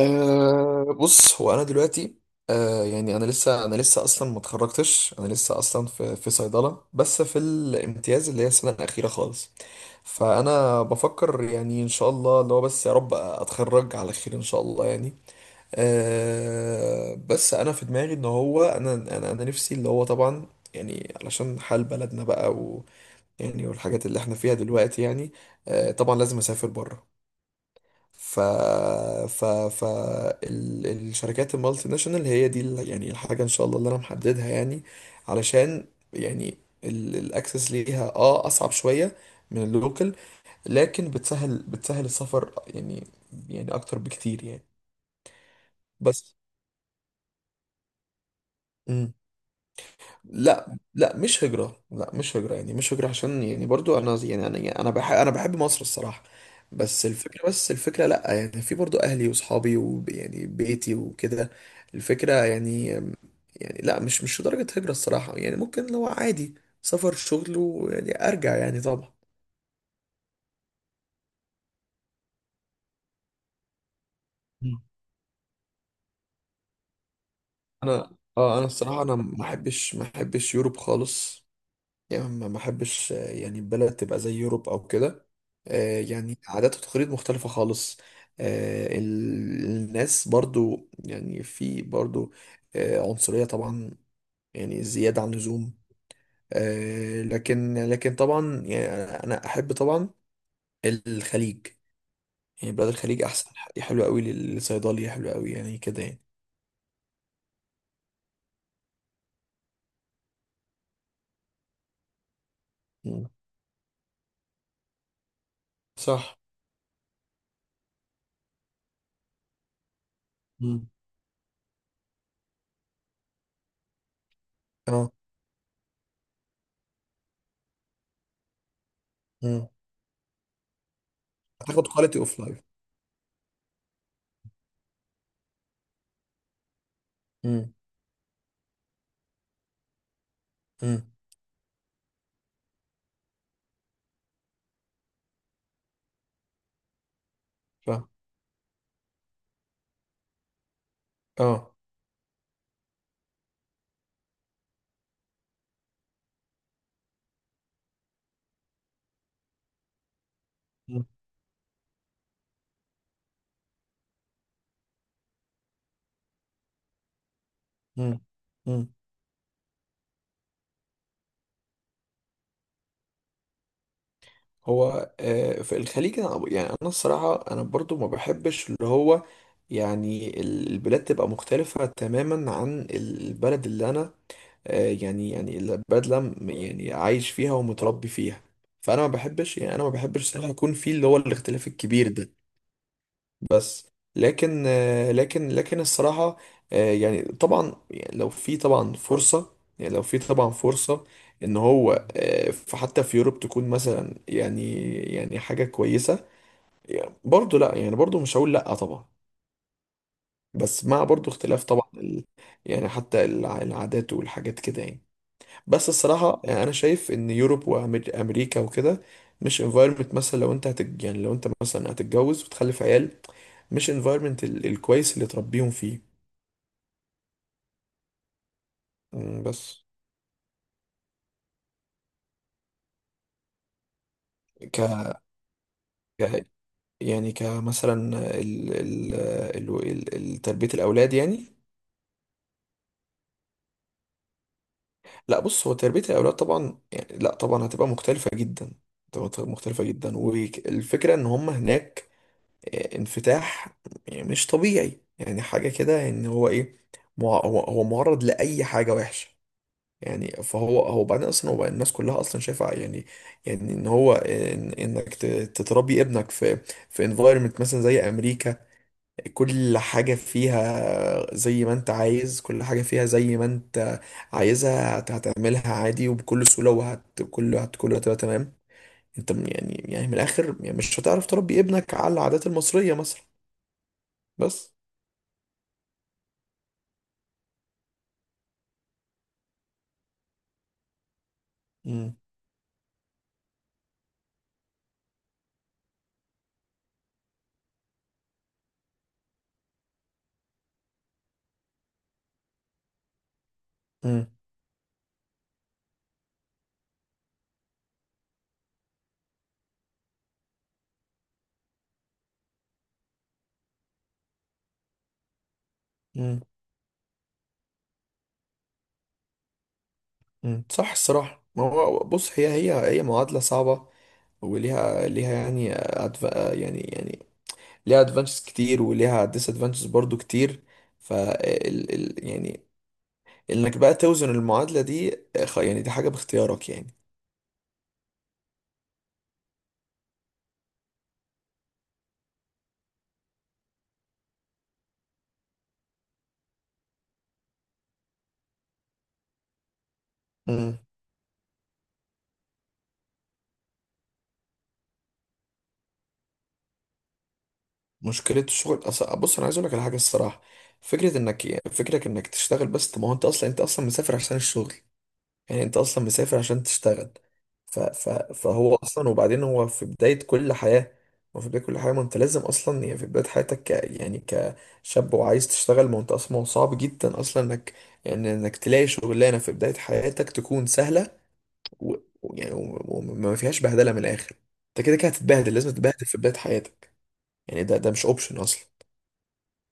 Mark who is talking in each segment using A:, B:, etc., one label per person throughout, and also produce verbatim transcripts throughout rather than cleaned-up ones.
A: أه بص، هو انا دلوقتي. أه يعني انا لسه انا لسه اصلا ما اتخرجتش. انا لسه اصلا في في صيدله، بس في الامتياز اللي هي السنه الاخيره خالص. فانا بفكر، يعني ان شاء الله اللي هو بس يا رب اتخرج على خير ان شاء الله يعني. أه بس انا في دماغي ان هو انا انا انا نفسي اللي هو طبعا، يعني علشان حال بلدنا بقى، و يعني والحاجات اللي احنا فيها دلوقتي يعني. أه طبعا لازم اسافر بره. ف ف ف ال- الشركات المالتي ناشونال هي دي ال- يعني الحاجة ان شاء الله اللي انا محددها يعني. علشان يعني ال- الاكسس ليها، اه اصعب شوية من اللوكل، لكن بتسهل بتسهل السفر يعني، يعني اكتر بكتير يعني. بس لا، لا، مش هجرة، لا مش هجرة، يعني مش هجرة، عشان يعني برضو انا زي- يعني انا يعني، انا بحب انا بحب مصر الصراحة. بس الفكرة، بس الفكرة لا يعني في برضو اهلي واصحابي ويعني بيتي وكده. الفكرة يعني، يعني لا مش مش لدرجة هجرة الصراحة، يعني ممكن لو عادي سفر شغل ويعني ارجع يعني طبعا. مم. انا اه انا الصراحة انا ما احبش، ما احبش يوروب خالص، يعني ما ما احبش، آه، يعني البلد تبقى زي يوروب او كده. آه، يعني عادات وتقاليد مختلفة خالص. آه، ال- الناس برضو، يعني في برضو آه، عنصرية طبعا، يعني زيادة عن اللزوم. آه، لكن، لكن طبعا يعني انا احب طبعا الخليج، يعني بلاد الخليج احسن، حلوة قوي للصيدلية، حلوة قوي يعني كده يعني. مم. صح. مم. اه. مم. هتاخد كواليتي اوف لايف. فاهم. اه. مم. مم. هو آه، في الخليج انا، يعني انا الصراحه انا برضو ما بحبش اللي هو، يعني ال- البلاد تبقى مختلفه تماما عن ال- البلد اللي انا، آه، يعني يعني البلد اللي أنا م- يعني عايش فيها ومتربي فيها. فانا ما بحبش، يعني انا ما بحبش الصراحه يكون في اللي هو الاختلاف الكبير ده. بس لكن آه، لكن لكن الصراحة، آه، يعني طبعا يعني لو في طبعا فرصة، يعني لو في طبعا فرصة ان هو آه، ف- حتى في يوروب تكون مثلا، يعني يعني حاجة كويسة يعني، برضو لا يعني برضو مش هقول لا طبعا. بس مع برضو اختلاف طبعا، ال يعني حتى الع- العادات والحاجات كده يعني. بس الصراحة يعني انا شايف ان يوروب وامريكا وكده مش environment، مثلا لو انت هتج يعني لو انت مثلا هتتجوز وتخلف عيال، مش environment ال- الكويس اللي تربيهم فيه. مم، بس ك ك- يعني كمثلا ال... ال... ال... ال... ال- تربية الأولاد يعني. لا بص، هو تربية الأولاد طبعا، يعني لا طبعا هتبقى مختلفة جدا، هتبقى مختلفة جدا. والفكرة إن هم هناك آه، انفتاح يعني مش طبيعي، يعني حاجة كده إن هو إيه، مع... هو هو معرض لأي حاجة وحشة، يعني فهو، هو بعدين اصلا هو الناس كلها اصلا شايفه يعني، يعني ان هو إن انك ت- تتربي ابنك في في انفايرمنت مثلا زي امريكا، كل حاجه فيها زي ما انت عايز، كل حاجه فيها زي ما انت عايزها، هت- هتعملها عادي وبكل سهوله، وهت كل هت كله هتبقى تمام. انت م- يعني، يعني من الاخر يعني، مش هتعرف تربي ابنك على العادات المصريه مثلا. بس. امم، امم، امم، صح الصراحه. ما هو بص، هي، هي هي معادله صعبه، وليها، ليها يعني أدف... يعني، يعني ليها ادفانتجز كتير، وليها ديس ادفانتجز برضو كتير. ف ال... ال... يعني انك بقى توزن المعادلة دي. خ- يعني دي حاجة باختيارك يعني. مم. مشكلة الشغل، أص... بص انا عايز اقول لك على حاجة الصراحة، فكرة انك، فكرك انك تشتغل بس، طب ما هو انت اصلا، انت اصلا مسافر عشان الشغل، يعني انت اصلا مسافر عشان تشتغل. ف... ف... فهو اصلا، وبعدين هو في بداية كل حياة، هو في بداية كل حياة، ما انت لازم اصلا يعني في بداية حياتك، ك... يعني كشاب وعايز تشتغل. ما هو انت اصلا، ما هو صعب جدا اصلا انك، يعني انك تلاقي شغلانة في بداية حياتك تكون سهلة و... و- يعني و- وما فيهاش بهدلة، من الاخر انت كده كده هتتبهدل، لازم تتبهدل في بداية حياتك، يعني ده ده مش اوبشن اصلا.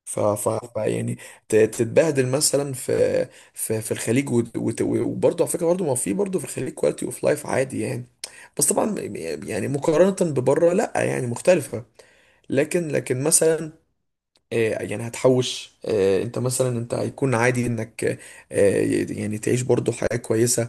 A: ف ف ف- يعني ت- تتبهدل مثلا في، في في الخليج. وت- وت- وبرضه على فكره، برضه ما في، برضه في الخليج كواليتي اوف لايف عادي يعني. بس طبعا يعني مقارنه ببره لا يعني مختلفه. لكن، لكن مثلا آه، يعني هتحوش، آه، انت مثلا انت هيكون عادي انك آه، يعني تعيش برضه حياه كويسه.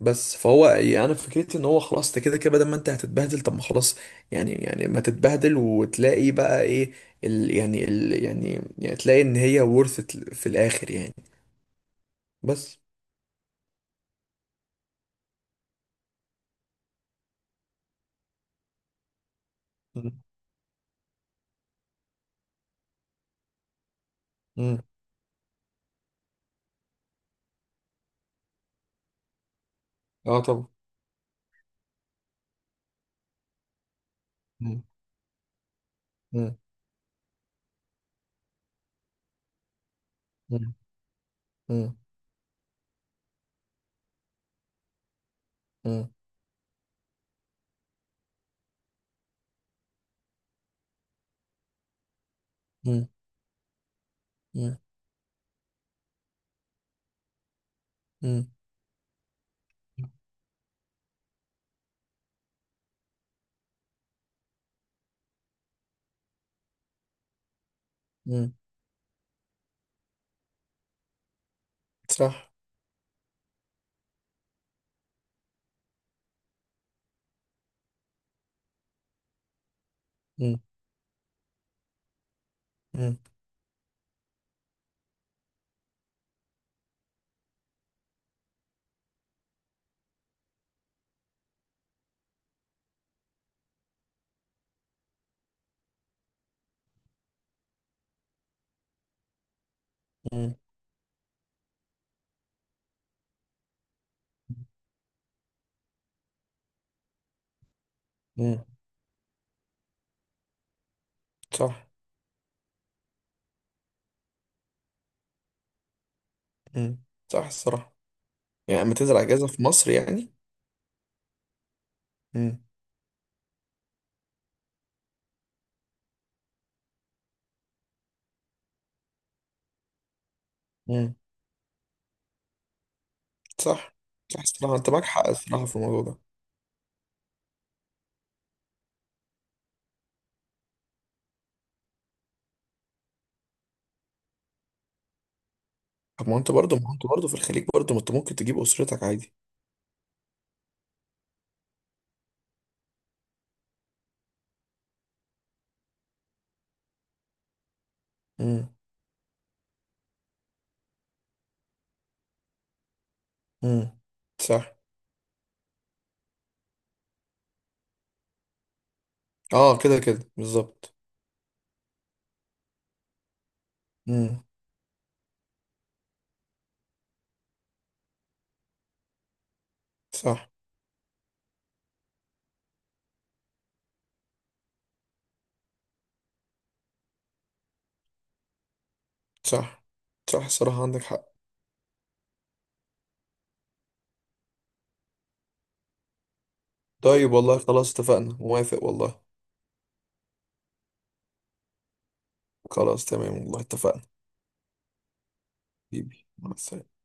A: بس فهو يعني انا فكرتي ان هو خلاص، انت كده كده، بدل ما انت هتتبهدل، طب ما خلاص، يعني، يعني ما تتبهدل وتلاقي بقى ايه ال يعني ال يعني يعني تلاقي ان هي worth it في الاخر يعني. بس. مم. مم. اه طبعا. مم. مم. مم. مم. مم. مم. مم. مم. مم. صح. مم. مم. مم. مم. صح. مم. صح الصراحة. يعني لما تنزل اجازة في مصر يعني. مم. مم. صح. صح الصراحة انت معاك حق الصراحة في الموضوع ده. طب ما انت برضه، ما انت برضه في الخليج برضه ما انت ممكن تجيب اسرتك عادي. امم. امم. صح. اه كده كده بالظبط. امم. صح. صح، صح الصراحة عندك حق. طيب والله خلاص اتفقنا، موافق والله. خلاص تمام والله اتفقنا. حبيبي، مع السلامة.